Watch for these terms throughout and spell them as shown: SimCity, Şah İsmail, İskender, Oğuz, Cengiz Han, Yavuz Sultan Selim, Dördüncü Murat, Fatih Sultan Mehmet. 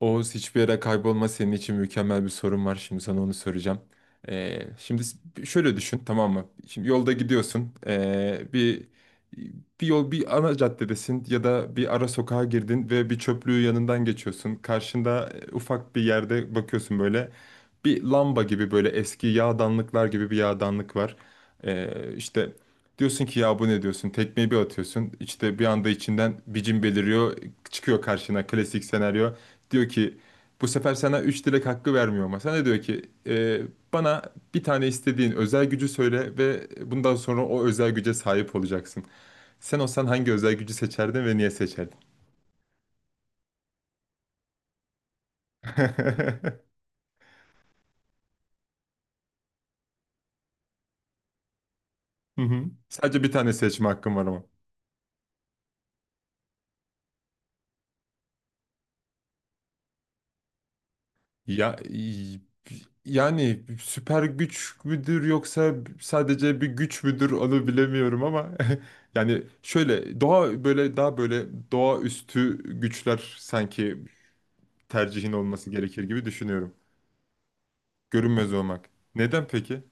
Oğuz, hiçbir yere kaybolma, senin için mükemmel bir sorun var. Şimdi sana onu soracağım. Şimdi şöyle düşün, tamam mı? Şimdi yolda gidiyorsun. Bir yol, bir ana caddedesin ya da bir ara sokağa girdin ve bir çöplüğü yanından geçiyorsun. Karşında ufak bir yerde bakıyorsun böyle. Bir lamba gibi, böyle eski yağdanlıklar gibi bir yağdanlık var. İşte diyorsun ki, ya bu ne, diyorsun? Tekmeyi bir atıyorsun. İşte bir anda içinden bir cin beliriyor. Çıkıyor karşına klasik senaryo. Diyor ki bu sefer sana üç dilek hakkı vermiyor, ama sana diyor ki: Bana bir tane istediğin özel gücü söyle ve bundan sonra o özel güce sahip olacaksın. Sen olsan hangi özel gücü seçerdin ve niye seçerdin?" Hı hı. Sadece bir tane seçme hakkım var ama. Ya yani süper güç müdür yoksa sadece bir güç müdür, onu bilemiyorum ama yani şöyle doğa, böyle daha böyle doğaüstü güçler sanki tercihin olması gerekir gibi düşünüyorum. Görünmez olmak. Neden peki?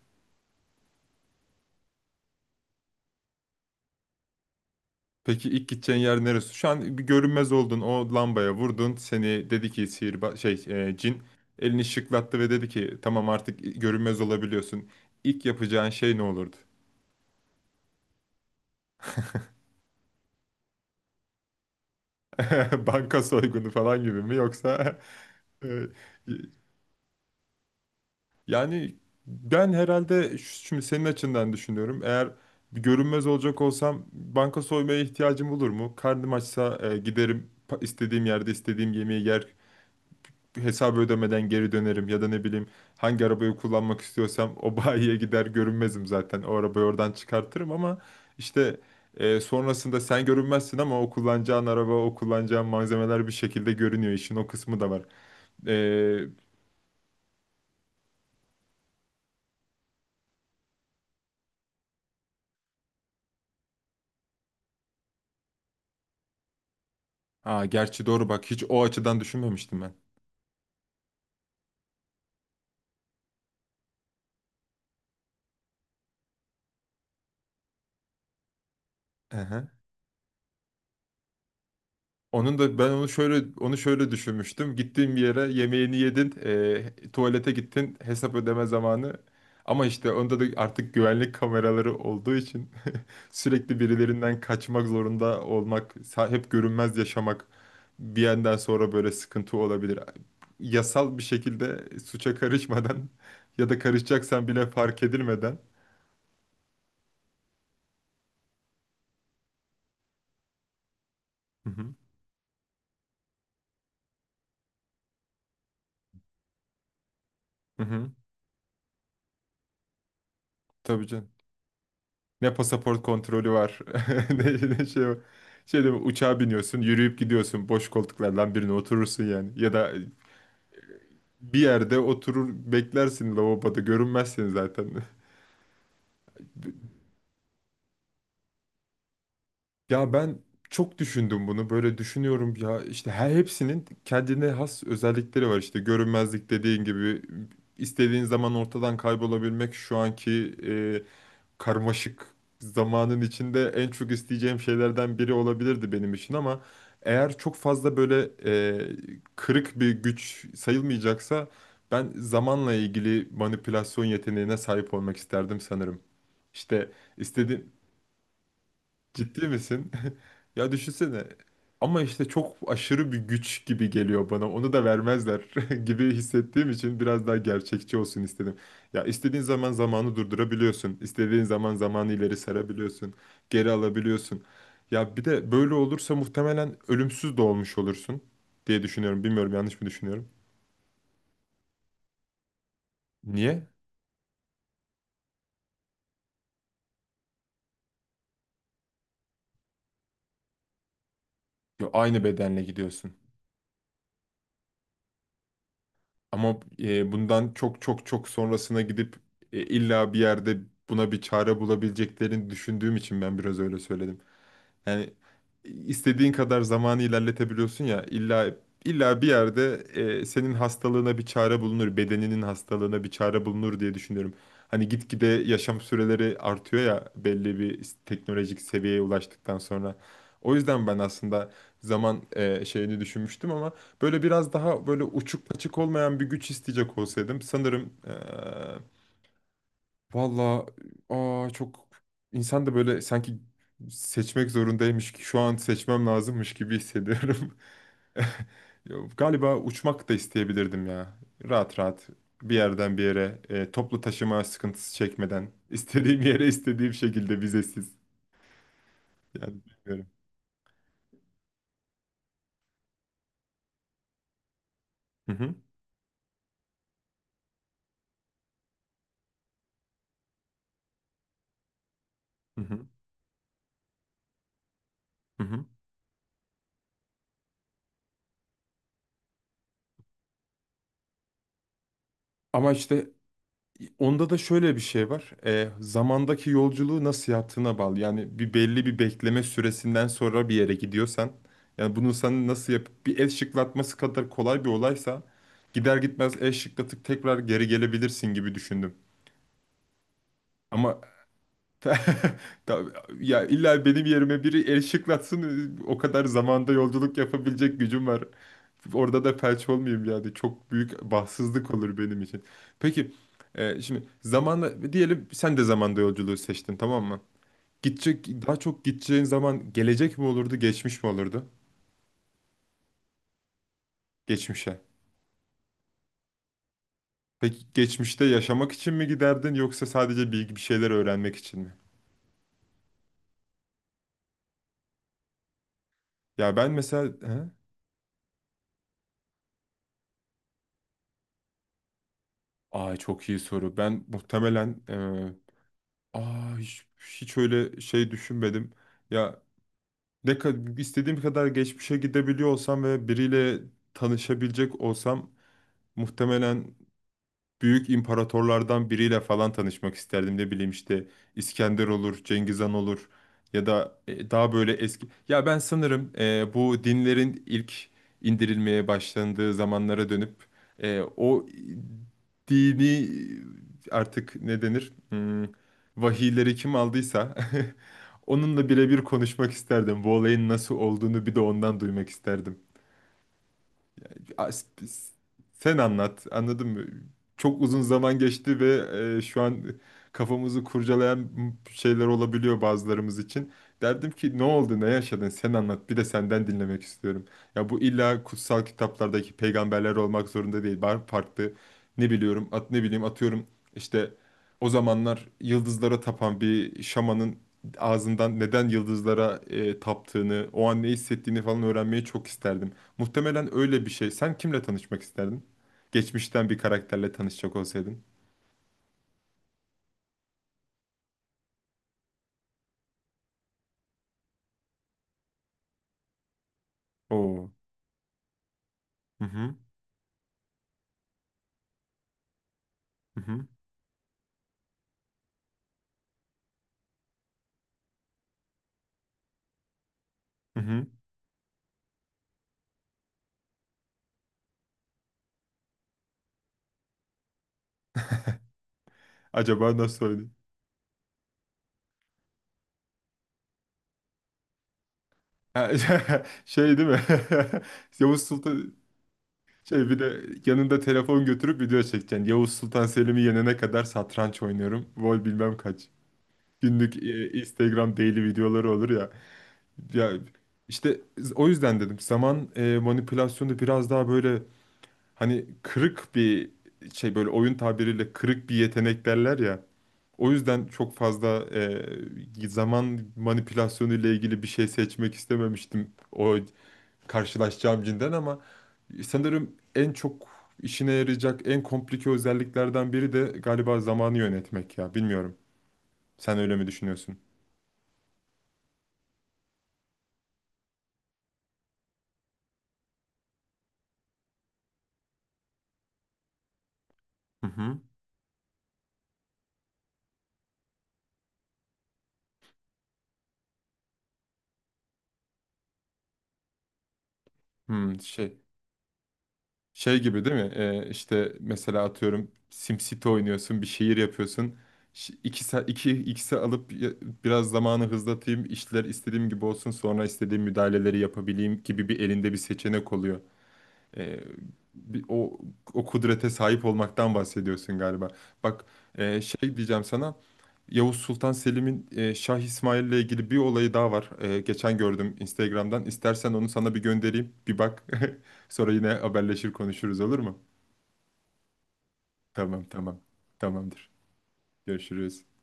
Peki ilk gideceğin yer neresi? Şu an bir görünmez oldun, o lambaya vurdun. Seni dedi ki sihirba şey, cin elini şıklattı ve dedi ki tamam, artık görünmez olabiliyorsun. İlk yapacağın şey ne olurdu? Banka soygunu falan gibi mi yoksa? e, Yani ben herhalde, şimdi senin açından düşünüyorum. Eğer bir görünmez olacak olsam banka soymaya ihtiyacım olur mu? Karnım açsa giderim, istediğim yerde istediğim yemeği yer. Hesabı ödemeden geri dönerim ya da ne bileyim, hangi arabayı kullanmak istiyorsam o bayiye gider, görünmezim zaten. O arabayı oradan çıkartırım ama işte sonrasında sen görünmezsin ama o kullanacağın araba, o kullanacağın malzemeler bir şekilde görünüyor. İşin o kısmı da var. E, gerçi doğru bak, hiç o açıdan düşünmemiştim ben. Aha. Onun da ben onu şöyle düşünmüştüm. Gittiğin bir yere yemeğini yedin, tuvalete gittin, hesap ödeme zamanı. Ama işte onda da artık güvenlik kameraları olduğu için sürekli birilerinden kaçmak zorunda olmak, hep görünmez yaşamak bir yandan sonra böyle sıkıntı olabilir. Yasal bir şekilde suça karışmadan ya da karışacaksan bile fark edilmeden. Hı hı. Hı hı. Tabii canım. Ne pasaport kontrolü var. Ne şey var. Şey de, uçağa biniyorsun, yürüyüp gidiyorsun. Boş koltuklardan birine oturursun yani. Ya da bir yerde oturur beklersin, lavaboda görünmezsin zaten. Ya ben çok düşündüm bunu. Böyle düşünüyorum ya, işte hepsinin kendine has özellikleri var. İşte görünmezlik dediğin gibi, istediğin zaman ortadan kaybolabilmek şu anki karmaşık zamanın içinde en çok isteyeceğim şeylerden biri olabilirdi benim için ama eğer çok fazla böyle kırık bir güç sayılmayacaksa, ben zamanla ilgili manipülasyon yeteneğine sahip olmak isterdim sanırım. İşte istediğim... Ciddi misin? Ya düşünsene. Ama işte çok aşırı bir güç gibi geliyor bana. Onu da vermezler gibi hissettiğim için biraz daha gerçekçi olsun istedim. Ya istediğin zaman zamanı durdurabiliyorsun. İstediğin zaman zamanı ileri sarabiliyorsun. Geri alabiliyorsun. Ya bir de böyle olursa muhtemelen ölümsüz de olmuş olursun diye düşünüyorum. Bilmiyorum, yanlış mı düşünüyorum? Niye? Ya aynı bedenle gidiyorsun. Ama bundan çok çok çok sonrasına gidip illa bir yerde buna bir çare bulabileceklerini düşündüğüm için ben biraz öyle söyledim. Yani istediğin kadar zamanı ilerletebiliyorsun ya, illa bir yerde senin hastalığına bir çare bulunur, bedeninin hastalığına bir çare bulunur diye düşünüyorum. Hani gitgide yaşam süreleri artıyor ya, belli bir teknolojik seviyeye ulaştıktan sonra. O yüzden ben aslında zaman şeyini düşünmüştüm ama böyle biraz daha böyle uçuk kaçık olmayan bir güç isteyecek olsaydım sanırım... e, Valla, çok insan da böyle sanki seçmek zorundaymış ki şu an seçmem lazımmış gibi hissediyorum. Ya, galiba uçmak da isteyebilirdim ya. Rahat rahat bir yerden bir yere, toplu taşıma sıkıntısı çekmeden istediğim yere istediğim şekilde, vizesiz. Yani bilmiyorum. Hı hı, hı hı, hı hı. Ama işte... Onda da şöyle bir şey var. Zamandaki yolculuğu nasıl yaptığına bağlı. Yani bir belli bir bekleme süresinden sonra bir yere gidiyorsan, yani bunu sen nasıl yapıp, bir el şıklatması kadar kolay bir olaysa gider gitmez el şıklatıp tekrar geri gelebilirsin gibi düşündüm. Ama ta- ya illa benim yerime biri el şıklatsın, o kadar zamanda yolculuk yapabilecek gücüm var. Orada da felç olmayayım yani. Çok büyük bahtsızlık olur benim için. Peki şimdi zamanla diyelim, sen de zamanda yolculuğu seçtin, tamam mı? Gidecek, daha çok gideceğin zaman gelecek mi olurdu, geçmiş mi olurdu? Geçmişe. Peki geçmişte yaşamak için mi giderdin yoksa sadece bilgi, bir şeyler öğrenmek için mi? Ya ben mesela he? Aa, çok iyi soru. Ben muhtemelen, e, aa hiç öyle şey düşünmedim. Ya, ne kadar istediğim kadar geçmişe gidebiliyor olsam ve biriyle tanışabilecek olsam, muhtemelen büyük imparatorlardan biriyle falan tanışmak isterdim. Ne bileyim, işte İskender olur, Cengiz Han olur ya da daha böyle eski. Ya ben sanırım bu dinlerin ilk indirilmeye başlandığı zamanlara dönüp o dini artık ne denir? Hmm, vahiyleri kim aldıysa onunla birebir konuşmak isterdim. Bu olayın nasıl olduğunu bir de ondan duymak isterdim. as- Sen anlat. Anladın mı? Çok uzun zaman geçti ve şu an kafamızı kurcalayan şeyler olabiliyor bazılarımız için. Derdim ki ne oldu, ne yaşadın? Sen anlat. Bir de senden dinlemek istiyorum. Ya bu illa kutsal kitaplardaki peygamberler olmak zorunda değil. Var farklı, ne biliyorum, ne bileyim atıyorum, işte o zamanlar yıldızlara tapan bir şamanın ağzından neden yıldızlara taptığını, o an ne hissettiğini falan öğrenmeyi çok isterdim. Muhtemelen öyle bir şey. Sen kimle tanışmak isterdin? Geçmişten bir karakterle tanışacak olsaydın. Oo. Hı hı. Hı hı. Hı hı. Acaba nasıl oldu? Ha, şey değil mi? Yavuz Sultan... Şey, bir de yanında telefon götürüp video çekeceksin. Yavuz Sultan Selim'i yenene kadar satranç oynuyorum. Vol bilmem kaç. Günlük Instagram daily videoları olur ya. Ya işte, o yüzden dedim zaman manipülasyonu biraz daha böyle... Hani kırık bir şey, böyle oyun tabiriyle kırık bir yetenek derler ya. O yüzden çok fazla zaman manipülasyonu ile ilgili bir şey seçmek istememiştim, o karşılaşacağım cinden. Ama sanırım en çok işine yarayacak en komplike özelliklerden biri de galiba zamanı yönetmek ya. Bilmiyorum. Sen öyle mi düşünüyorsun? Hı hı. Hmm, şey. Şey gibi değil mi? İşte mesela atıyorum SimCity oynuyorsun, bir şehir yapıyorsun. İki, iki, ikisi alıp biraz zamanı hızlatayım, işler istediğim gibi olsun, sonra istediğim müdahaleleri yapabileyim gibi bir elinde bir seçenek oluyor. Ee, bir, o, o kudrete sahip olmaktan bahsediyorsun galiba. Bak, şey diyeceğim sana, Yavuz Sultan Selim'in Şah İsmail ile ilgili bir olayı daha var. Geçen gördüm Instagram'dan. İstersen onu sana bir göndereyim, bir bak. Sonra yine haberleşir konuşuruz, olur mu? Tamam. Tamamdır. Görüşürüz.